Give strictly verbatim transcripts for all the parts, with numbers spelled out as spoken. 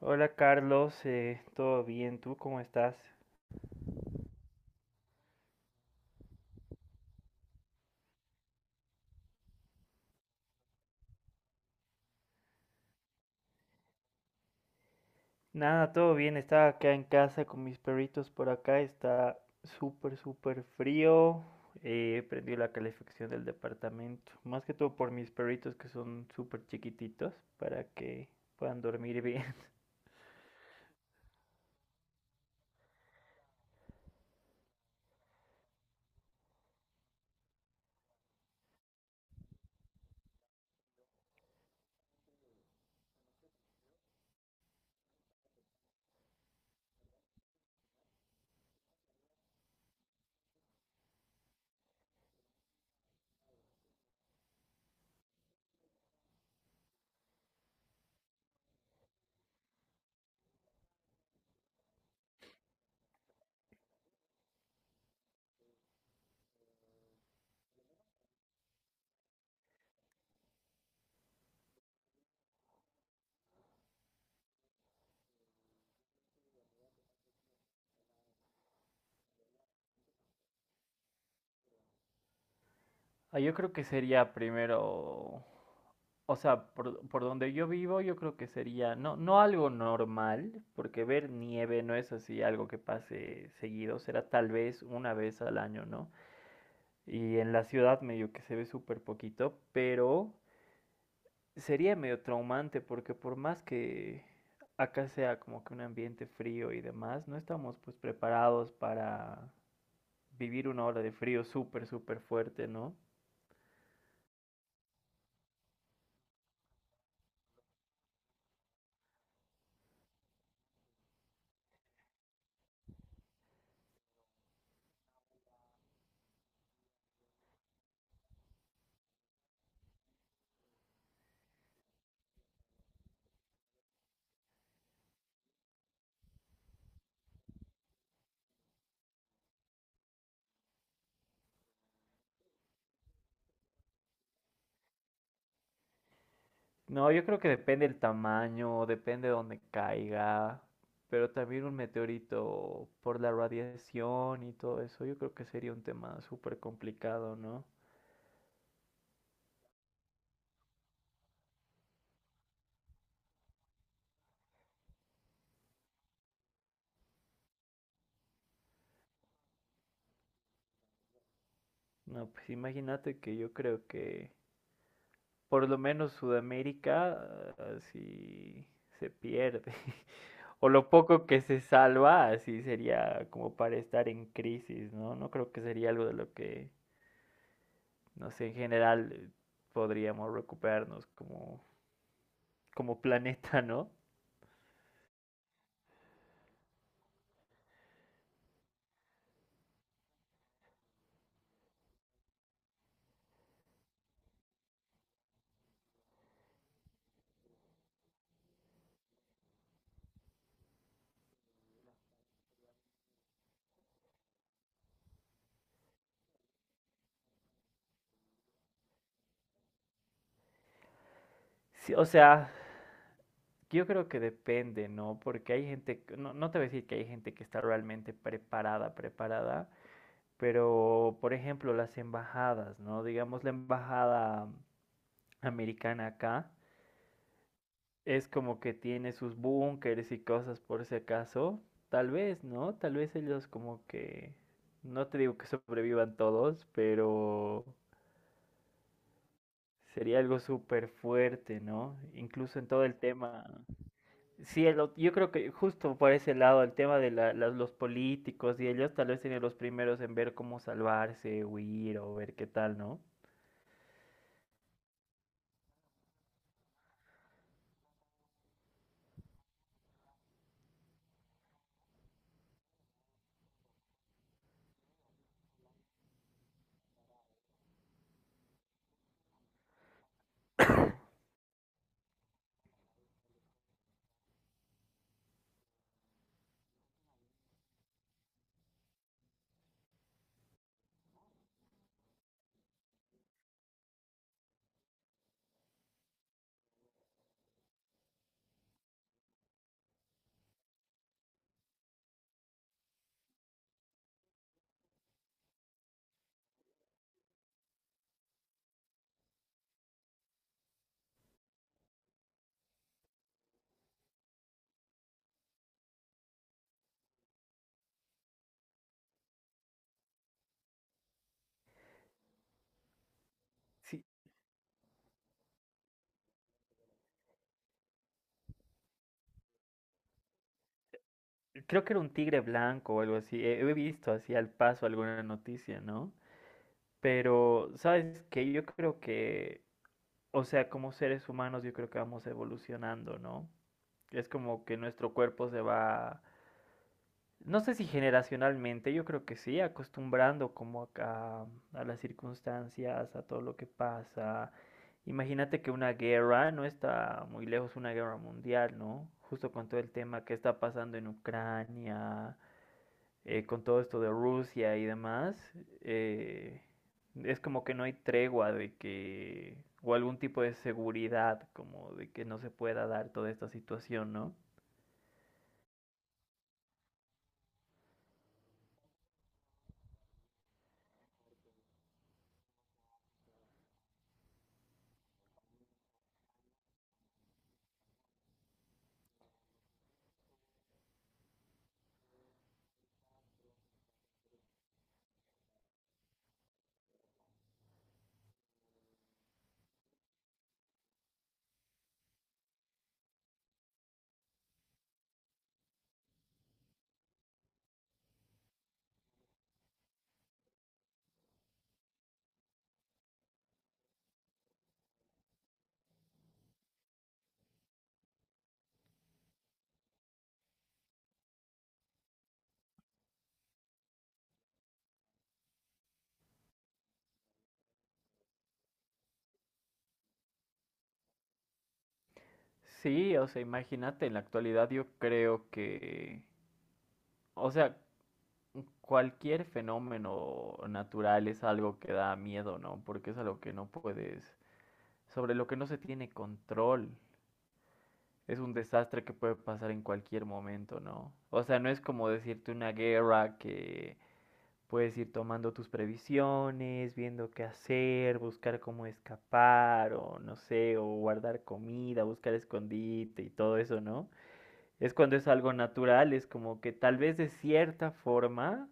Hola Carlos, eh, ¿todo bien? ¿Tú cómo estás? Nada, todo bien. Estaba acá en casa con mis perritos por acá. Está súper, súper frío. Eh, prendí la calefacción del departamento, más que todo por mis perritos, que son súper chiquititos para que puedan dormir bien. Ah, yo creo que sería primero, o sea, por, por donde yo vivo, yo creo que sería no, no algo normal, porque ver nieve no es así algo que pase seguido, será tal vez una vez al año, ¿no? Y en la ciudad medio que se ve súper poquito, pero sería medio traumante, porque por más que acá sea como que un ambiente frío y demás, no estamos pues preparados para vivir una ola de frío súper, súper fuerte, ¿no? No, yo creo que depende el tamaño, depende de dónde caiga, pero también un meteorito, por la radiación y todo eso, yo creo que sería un tema súper complicado, ¿no? No, pues imagínate que yo creo que por lo menos Sudamérica así se pierde. O lo poco que se salva, así sería como para estar en crisis, ¿no? No creo que sería algo de lo que, no sé, en general, eh, podríamos recuperarnos como, como planeta, ¿no? Sí, o sea, yo creo que depende, ¿no? Porque hay gente, que- no, no te voy a decir que hay gente que está realmente preparada, preparada, pero por ejemplo las embajadas, ¿no? Digamos, la embajada americana acá es como que tiene sus búnkeres y cosas por si acaso. Tal vez, ¿no? Tal vez ellos como que... No te digo que sobrevivan todos, pero sería algo súper fuerte, ¿no? Incluso en todo el tema. Sí, el ot- yo creo que justo por ese lado, el tema de la- las- los políticos, y ellos tal vez serían los primeros en ver cómo salvarse, huir o ver qué tal, ¿no? Sí, creo que era un tigre blanco o algo así. He, he visto así al paso alguna noticia, ¿no? Pero ¿sabes que Yo creo que, o sea, como seres humanos, yo creo que vamos evolucionando, ¿no? Es como que nuestro cuerpo se va, no sé si generacionalmente, yo creo que sí, acostumbrando como a, a las circunstancias, a todo lo que pasa. Imagínate, que una guerra no está muy lejos, una guerra mundial, ¿no? Justo con todo el tema que está pasando en Ucrania, eh, con todo esto de Rusia y demás, eh, es como que no hay tregua de que, o algún tipo de seguridad, como de que no se pueda dar toda esta situación, ¿no? Sí, o sea, imagínate, en la actualidad yo creo que, o sea, cualquier fenómeno natural es algo que da miedo, ¿no? Porque es algo que no puedes, sobre lo que no se tiene control. Es un desastre que puede pasar en cualquier momento, ¿no? O sea, no es como decirte, una guerra que puedes ir tomando tus previsiones, viendo qué hacer, buscar cómo escapar, o no sé, o guardar comida, buscar escondite y todo eso, ¿no? Es cuando es algo natural, es como que tal vez de cierta forma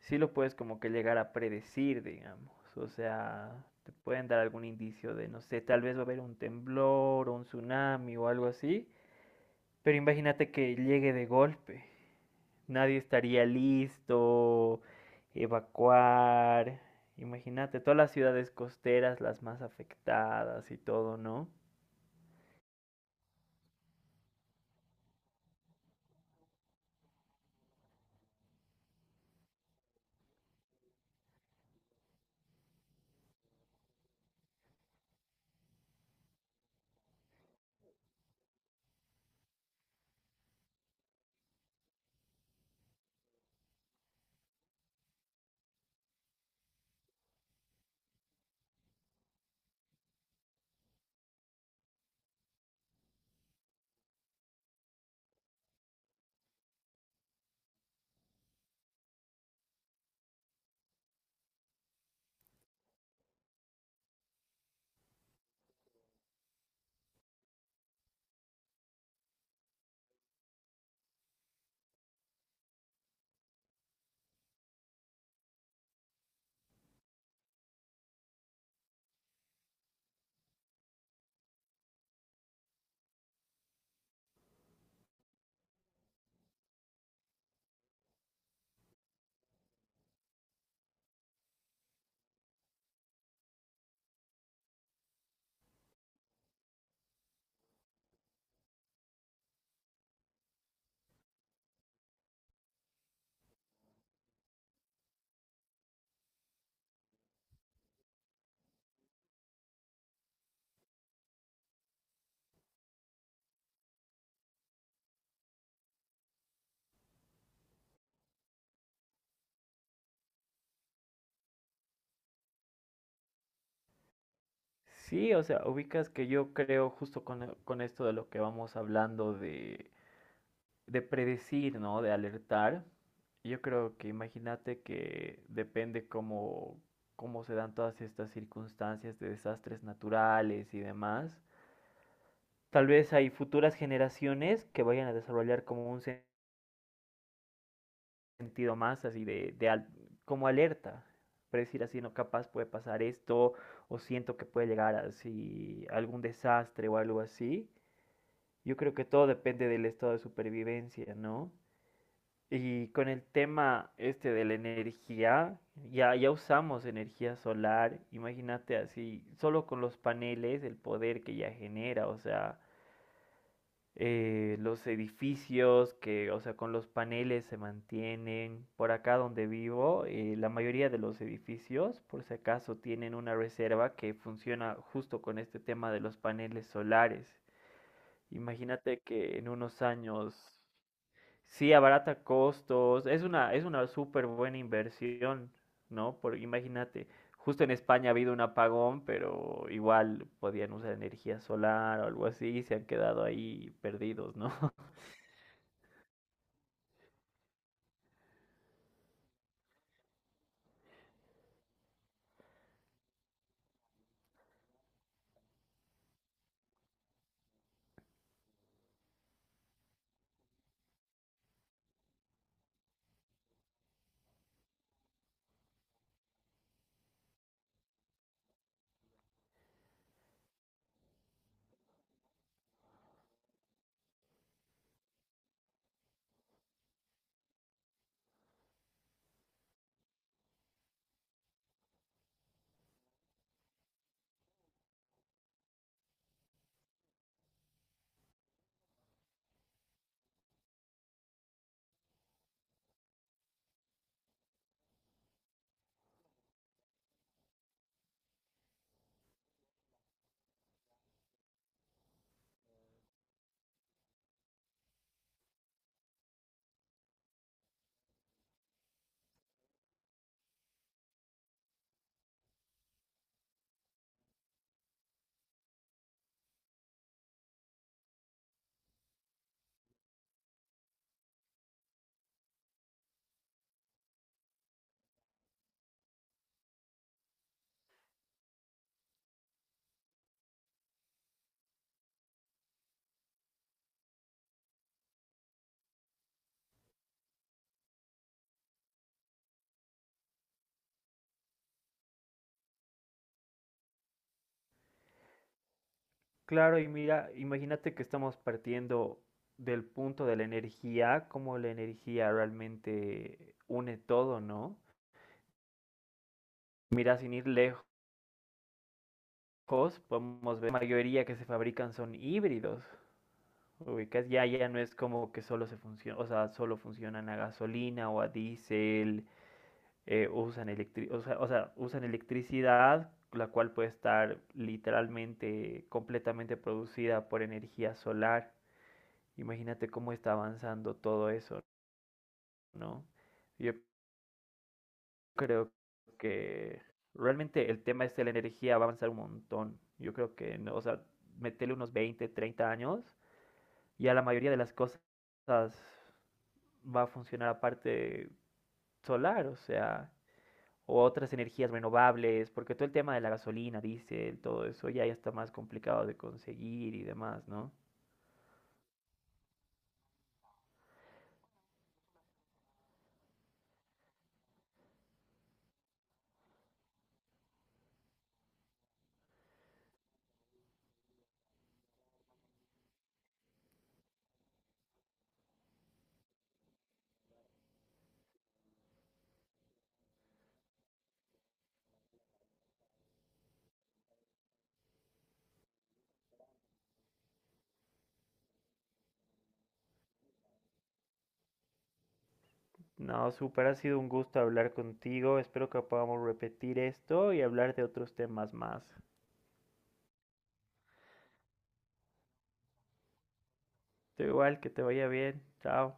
sí lo puedes como que llegar a predecir, digamos. O sea, te pueden dar algún indicio de, no sé, tal vez va a haber un temblor o un tsunami o algo así, pero imagínate que llegue de golpe. Nadie estaría listo, evacuar. Imagínate, todas las ciudades costeras, las más afectadas y todo, ¿no? Sí, o sea, ubicas que yo creo, justo con, con esto de lo que vamos hablando, de, de predecir, ¿no? De alertar. Yo creo que, imagínate, que depende cómo, cómo se dan todas estas circunstancias de desastres naturales y demás. Tal vez hay futuras generaciones que vayan a desarrollar como un sen- sentido más así de, de al- como alerta, predecir así, no, capaz puede pasar esto, o siento que puede llegar así algún desastre o algo así. Yo creo que todo depende del estado de supervivencia, ¿no? Y con el tema este de la energía, ya, ya usamos energía solar. Imagínate, así, solo con los paneles, el poder que ya genera, o sea, eh, los edificios que, o sea, con los paneles se mantienen. Por acá donde vivo, eh, la mayoría de los edificios, por si acaso, tienen una reserva que funciona justo con este tema de los paneles solares. Imagínate que en unos años sí abarata costos, es una, es una súper buena inversión, ¿no? Por, imagínate. Justo en España ha habido un apagón, pero igual podían usar energía solar o algo así, y se han quedado ahí perdidos, ¿no? Claro, y mira, imagínate que estamos partiendo del punto de la energía, como la energía realmente une todo, ¿no? Mira, sin ir lejos, podemos ver la mayoría que se fabrican son híbridos. Ubicas, ya, ya no es como que solo se funciona, o sea, solo funcionan a gasolina o a diésel, eh, usan electri- o sea, o sea, usan electricidad, la cual puede estar literalmente completamente producida por energía solar. Imagínate cómo está avanzando todo eso, ¿no? Yo creo que realmente el tema este de la energía va a avanzar un montón. Yo creo que, no, o sea, meterle unos veinte, treinta años, y a la mayoría de las cosas va a funcionar aparte solar, o sea, o otras energías renovables, porque todo el tema de la gasolina, diésel, todo eso ya, ya está más complicado de conseguir y demás, ¿no? No, súper, ha sido un gusto hablar contigo. Espero que podamos repetir esto y hablar de otros temas más. Tú igual, que te vaya bien. Chao.